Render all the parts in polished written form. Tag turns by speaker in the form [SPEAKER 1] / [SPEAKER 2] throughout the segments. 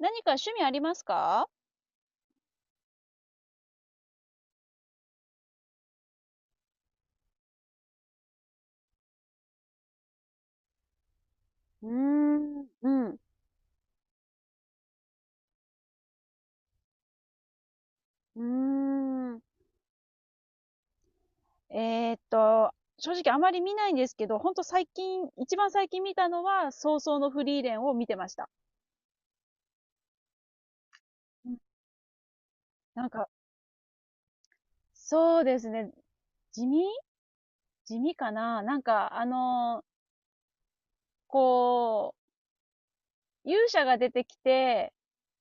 [SPEAKER 1] 何か趣味ありますか？うーん、うん、うーん。えーっと、正直あまり見ないんですけど、ほんと最近、一番最近見たのは、早々のフリーレンを見てました。うん、なんか、そうですね。地味かな？なんか、こ勇者が出てきて、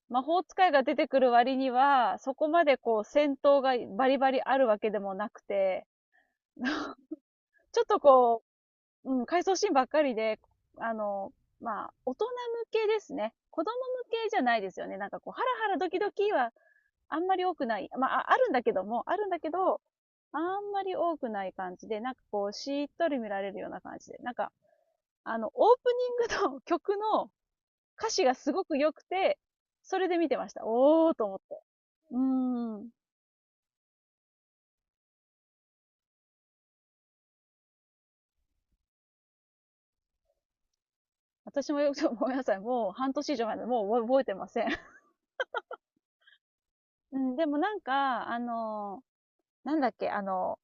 [SPEAKER 1] 魔法使いが出てくる割には、そこまでこう戦闘がバリバリあるわけでもなくて、ちょっとこううん、回想シーンばっかりで、あの、まあ、大人向けですね。子供向けじゃないですよね。なんかこう、ハラハラドキドキはあんまり多くない。まあ、あるんだけども、あるんだけど、あんまり多くない感じで、なんかこう、しっとり見られるような感じで。なんか、オープニングの曲の歌詞がすごく良くて、それで見てました。おーと思って。うーん。私もよく、ごめんなさい。もう半年以上前まで、もう覚えてません。うん、でもなんか、あのー、なんだっけ、あの、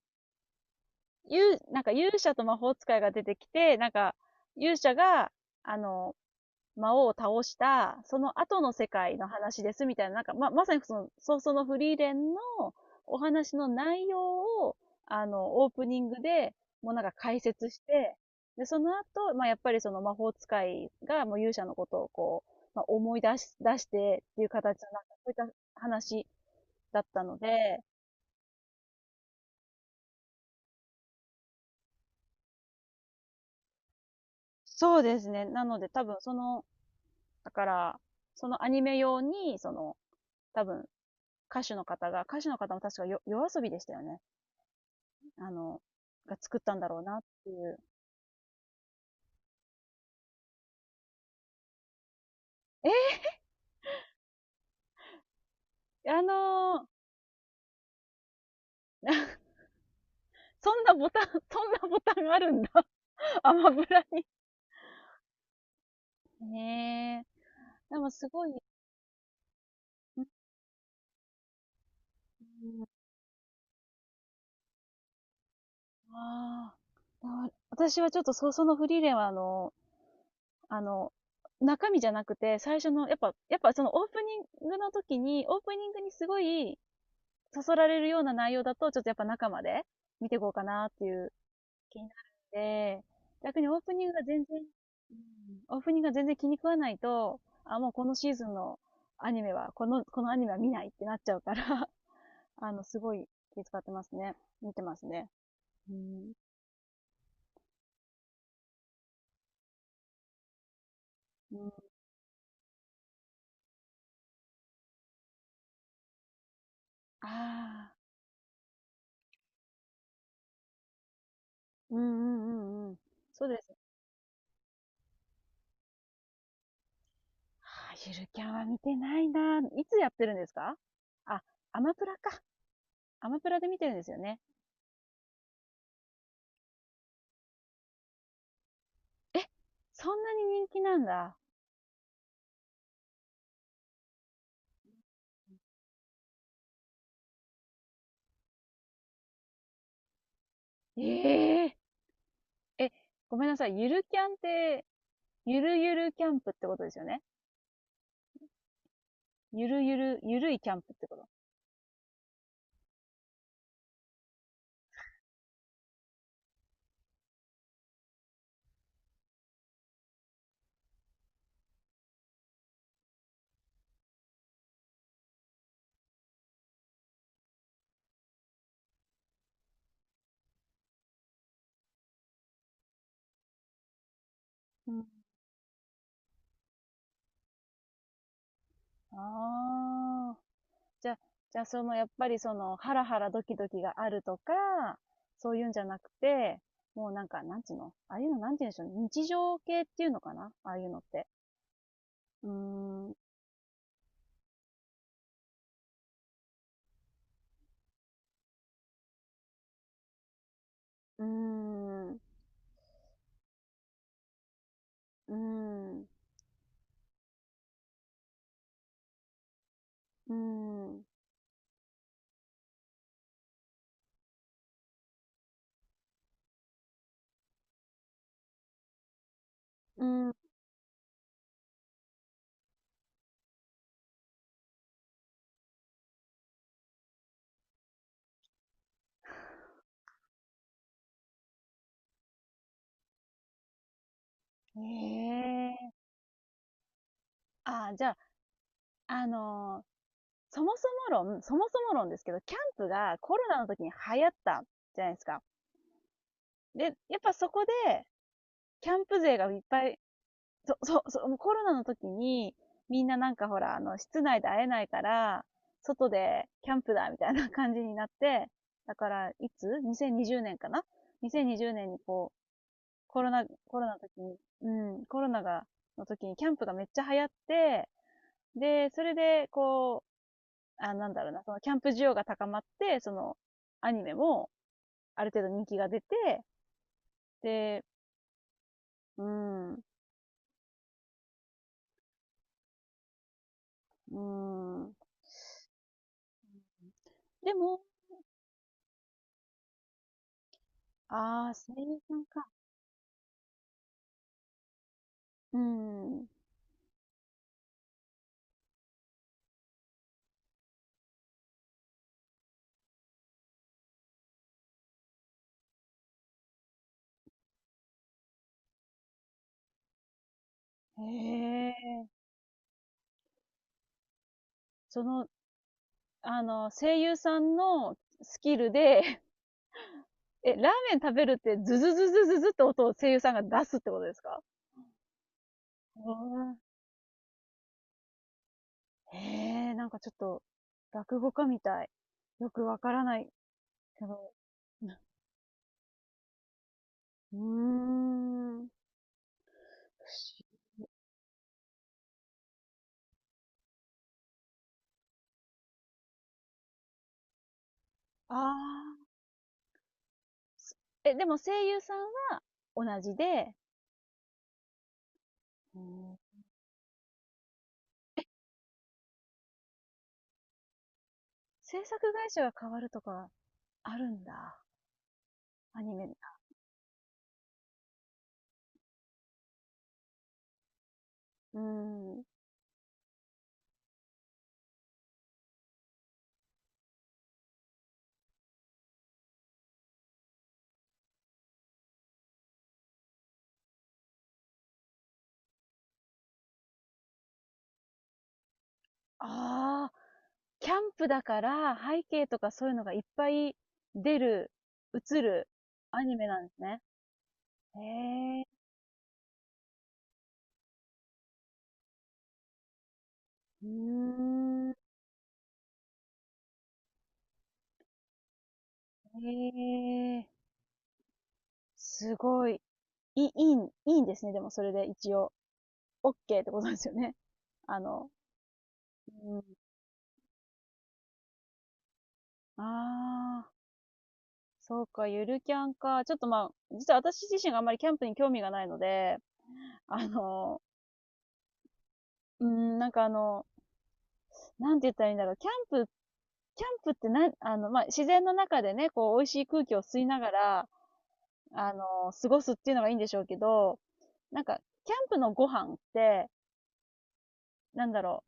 [SPEAKER 1] なんか勇者と魔法使いが出てきて、なんか、勇者が、あの、魔王を倒した、その後の世界の話ですみたいな、なんか、まさにその、早々のフリーレンのお話の内容を、オープニングで、もうなんか解説して、で、その後、まあ、やっぱりその魔法使いがもう勇者のことをこう、まあ、思い出し、出してっていう形の、なんかそういった話だったので、そうですね。なので多分そのだから、そのアニメ用に、その、多分、歌手の方も確かよ夜遊びでしたよね。あの、が作ったんだろうなっていう。えあのー そんなボタン、そんなボタンあるんだ。アマブラに。ねえ。でもすごい、うん、ああ私はちょっとそのフリーレンはあの、中身じゃなくて、最初の、やっぱそのオープニングの時に、オープニングにすごい、そそられるような内容だと、ちょっとやっぱ中まで見ていこうかなっていう気になるんで、逆にオープニングが全然、うん、オープニングが全然気に食わないと、あ、もうこのシーズンのアニメは、このアニメは見ないってなっちゃうから あの、すごい気遣ってますね。見てますね。うん。うん、ああ、うんうんうんうん。そうです。ああ、ゆるキャンは見てないな。いつやってるんですか？あ、アマプラか。アマプラで見てるんですよね。え、そんなに人気なんだ。えええ、ごめんなさい。ゆるキャンって、ゆるゆるキャンプってことですよね。ゆるゆる、ゆるいキャンプってこと。うん、ああ、じゃ、じゃあその、やっぱりその、ハラハラドキドキがあるとか、そういうんじゃなくて、もうなんか、なんつうのああいうの、なんて言うんでしょうね。日常系っていうのかなああいうのって。うーん、うーん、うーん、うーん、うーん。ええああ、じゃあ、あのーそもそも論ですけど、キャンプがコロナの時に流行ったじゃないですか。で、やっぱそこで、キャンプ勢がいっぱい、そ、そ、そ、もうコロナの時に、みんななんかほら、あの、室内で会えないから、外でキャンプだ、みたいな感じになって、だから、いつ ?2020 年かな ?2020 年にこう、コロナの時に、うん、コロナが、の時にキャンプがめっちゃ流行って、で、それで、こう、あなんだろうな、そのキャンプ需要が高まって、その、アニメもある程度人気が出て、で、うん、うん。でも、ああ、声優さんか。うん。へえ。その、あの、声優さんのスキルで、え、ラーメン食べるってズズズズズズって音を声優さんが出すってことですか？うんへえ、なんかちょっと、落語家みたい。よくわからないけど。うーん。思ああ、すえ、でも声優さんは同じで、うん、制作会社が変わるとかあるんだ。アニメ。うん。ああ、キャンプだから背景とかそういうのがいっぱい出る、映るアニメなんですね。へえ、うーん、へえ、すごい。いいんですね。でもそれで一応、OK ってことですよね。あの、うん。ああ。そうか、ゆるキャンか。ちょっとまあ、実は私自身があんまりキャンプに興味がないので、あの、うーん、なんかあの、なんて言ったらいいんだろう。ンプ、キャンプってな、あの、まあ、自然の中でね、こう、美味しい空気を吸いながら、あの、過ごすっていうのがいいんでしょうけど、なんか、キャンプのご飯って、なんだろ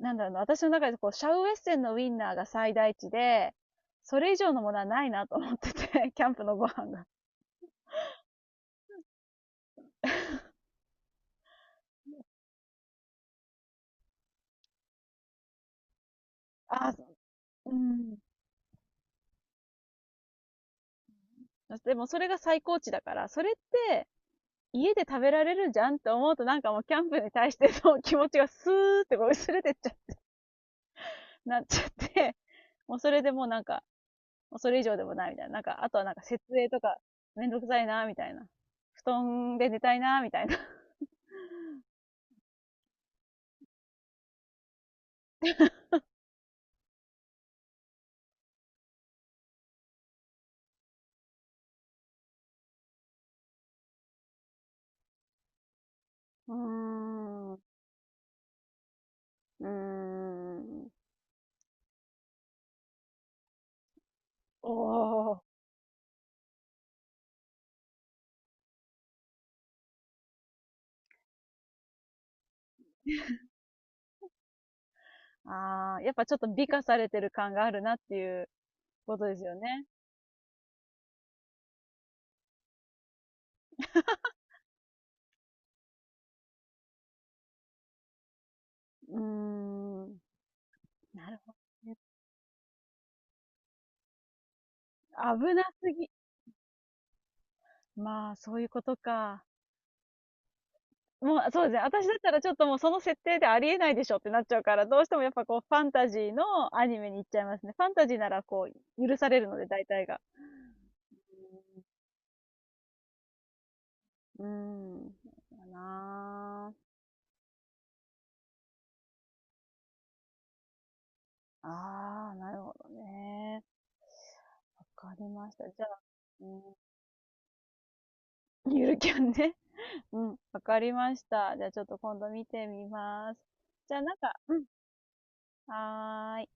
[SPEAKER 1] なんだろうな、私の中でこう、シャウエッセンのウインナーが最大値で、それ以上のものはないなと思ってて、キャンプのご飯が。あ、うん。でもそれが最高値だから、それって家で食べられるじゃんって思うとなんかもうキャンプに対しての 気持ちがスーってこう薄れてっちゃ、なっちゃって、もうそれでもうなんか、もうそれ以上でもないみたいな。なんか、あとはなんか設営とかめんどくさいなみたいな。布団で寝たいなみたいな。うーん。うーん。おー。あー、やっぱちょっと美化されてる感があるなっていうことですよね。うーん。なるほどね。危なすぎ。まあ、そういうことか。もう、そうですね。私だったらちょっともうその設定でありえないでしょってなっちゃうから、どうしてもやっぱこうファンタジーのアニメに行っちゃいますね。ファンタジーならこう許されるので大体が。うん。うんだなあ。ああ、なるほどね。わかりました。じゃあ、うん、ゆるキャンね。うん、わかりました。じゃあちょっと今度見てみます。じゃあなんか、うん、はーい。